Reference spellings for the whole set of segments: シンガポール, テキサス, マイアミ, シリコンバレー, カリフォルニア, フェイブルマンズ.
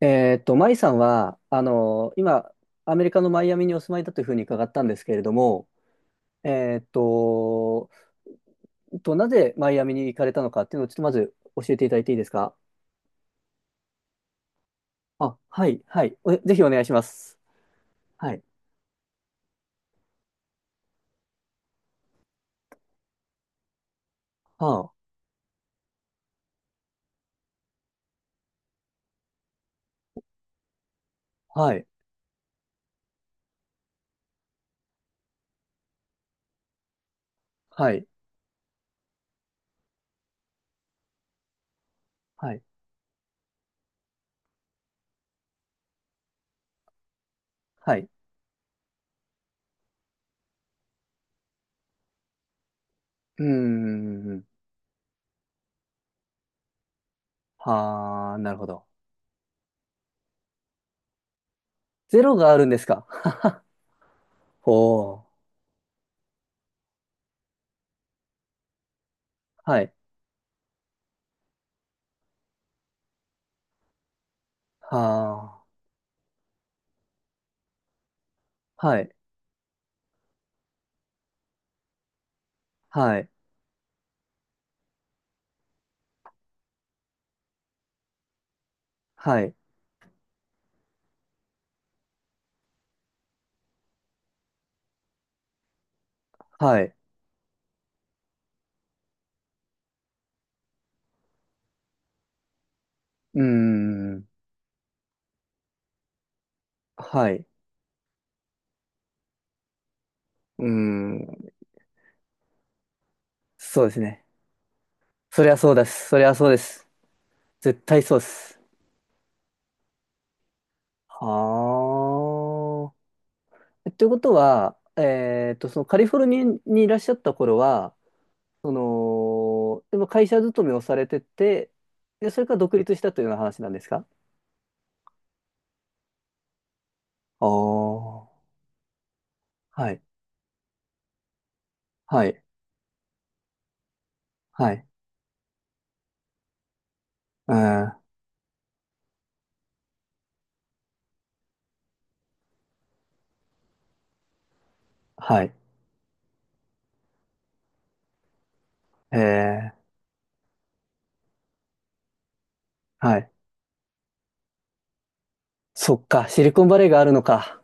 マイさんは、今、アメリカのマイアミにお住まいだというふうに伺ったんですけれども、えーっと、なぜマイアミに行かれたのかっていうのをちょっとまず教えていただいていいですか？あ、はい、はい。おぜひお願いします。はい。はあ、はい、はい、はい、はい。うーん。はあ、なるほど。ゼロがあるんですか？ほう。はい。はあ、はい、はい、はい、はい。うーん。はい。うん。そうですね。そりゃそうです。そりゃそうです。絶対そうです。はあ。えということは、そのカリフォルニアにいらっしゃった頃は、その、でも会社勤めをされてて、で、それから独立したというような話なんですか？ああー。はい。はい。はい。うん。はい。えー、はい。そっか。シリコンバレーがあるのか。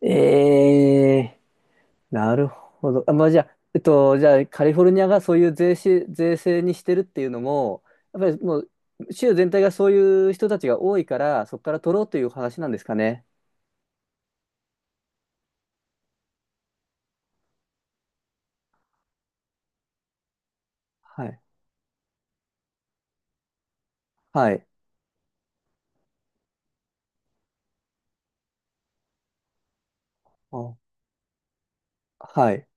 ええ、なるほど。あ、まあ、じゃあ、じゃあ、カリフォルニアがそういう税制にしてるっていうのも、やっぱりもう、州全体がそういう人たちが多いから、そこから取ろうという話なんですかね。はい。はい。あ、はい。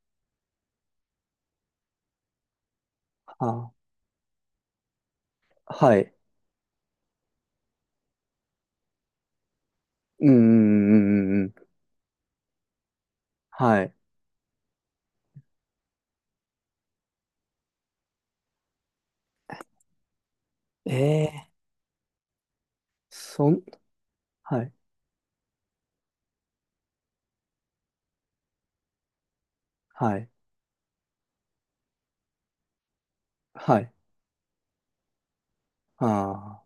あ、はい。うんうんうんうんうん。はい。ええ、そん、はい。はい。はい。ああ、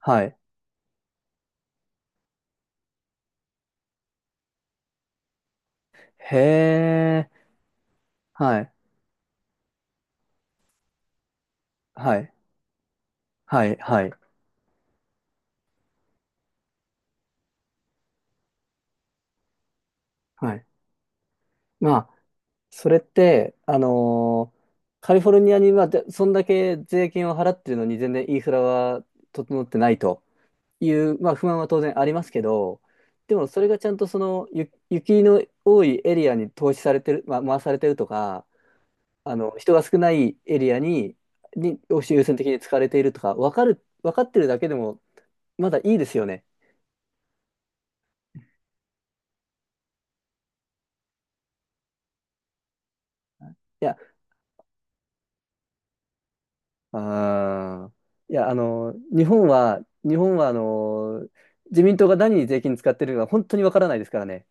はい。へえ。はい。はい。はい。はい。はい。まあ、それって、カリフォルニアにはでそんだけ税金を払ってるのに全然インフラは整ってないという、まあ、不満は当然ありますけど、でもそれがちゃんとそのゆ雪の多いエリアに投資されてる、まあ、回されてるとか、あの人が少ないエリアに、にを優先的に使われているとか分かる、分かってるだけでもまだいいですよね。いや、ああ、いや、あの、日本は、あの、自民党が何に税金使ってるか本当にわからないですからね。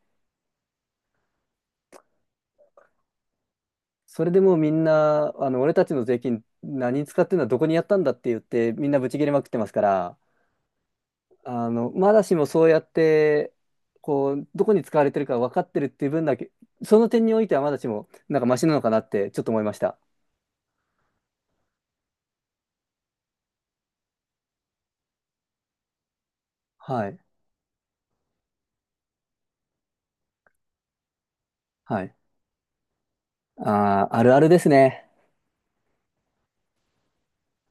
それでもうみんな、あの、俺たちの税金何に使ってるのはどこにやったんだって言って、みんなブチ切れまくってますから、あの、まだしもそうやって、こう、どこに使われてるか分かってるっていう分だけ、その点においてはまだしも、なんかマシなのかなってちょっと思いました。はい。はい。ああ、あるあるですね。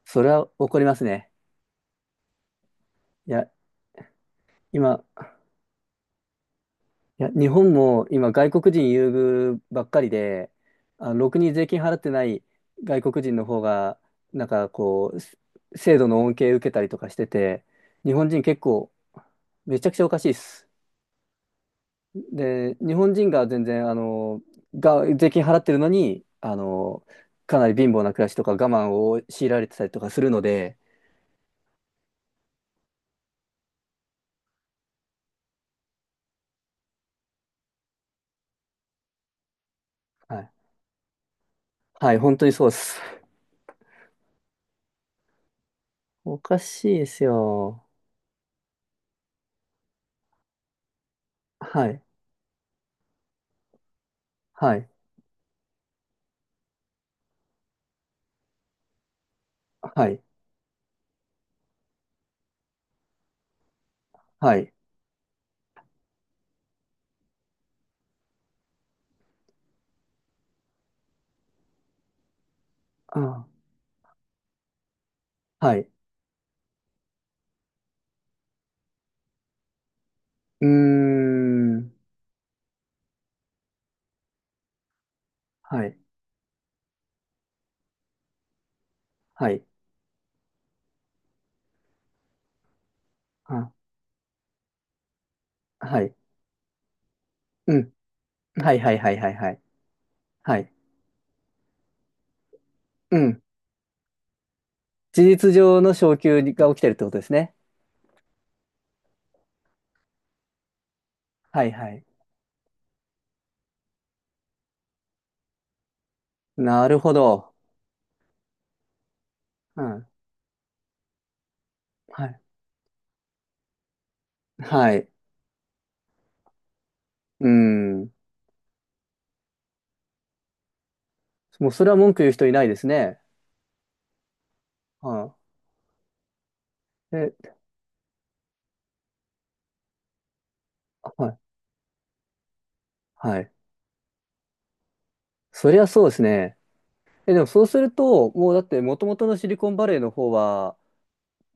それは怒りますね。いや、今、いや、日本も今外国人優遇ばっかりで、あの、ろくに税金払ってない外国人の方が、なんかこう、す制度の恩恵受けたりとかしてて、日本人結構めちゃくちゃおかしいです。で、日本人が全然、あの、が、税金払ってるのに、あの、かなり貧乏な暮らしとか我慢を強いられてたりとかするので、はい、はい、本当にそうです。おかしいですよ。はい、はい、はい、はい、あ、はい。うーん。はい。はい。あ、はい。うん。はいはいはいはいはい。はい。うん。事実上の昇給が起きてるってことですね。はいはい。なるほど。うん。はい。はい。うん。もうそれは文句言う人いないですね。はい。え、はい。はい。そりゃそうですね。え、でもそうすると、もうだって元々のシリコンバレーの方は、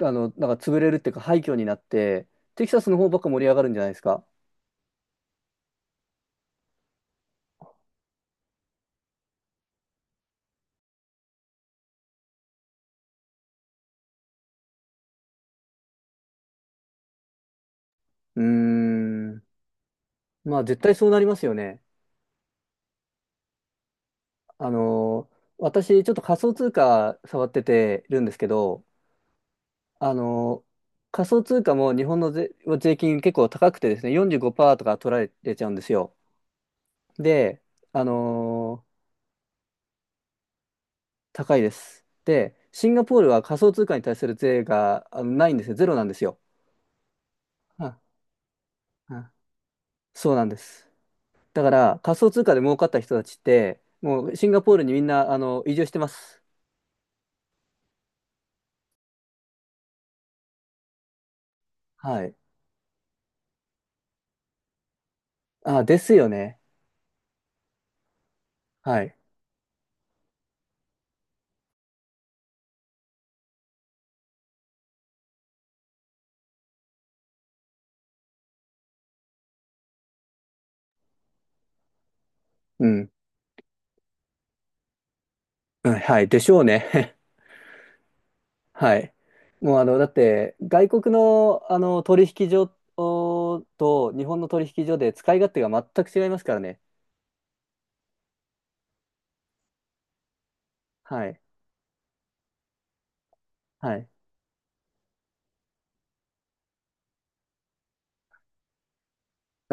あの、なんか潰れるっていうか廃墟になって、テキサスの方ばっか盛り上がるんじゃないですか。うーん。まあ絶対そうなりますよね。私ちょっと仮想通貨触っててるんですけど、あのー、仮想通貨も日本の税、税金結構高くてですね、45%とか取られてちゃうんですよ。で、あのー、高いです。で、シンガポールは仮想通貨に対する税があのないんですよ。ゼロなんですよ。ああ、そうなんです。だから仮想通貨で儲かった人たちって、もうシンガポールにみんなあの移住してます。はい。あ、ですよね。はい。うん。うん、はい、でしょうね。はい。もうあの、だって、外国の、あの取引所おと日本の取引所で使い勝手が全く違いますからね。はい。はい。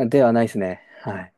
ではないですね。はい。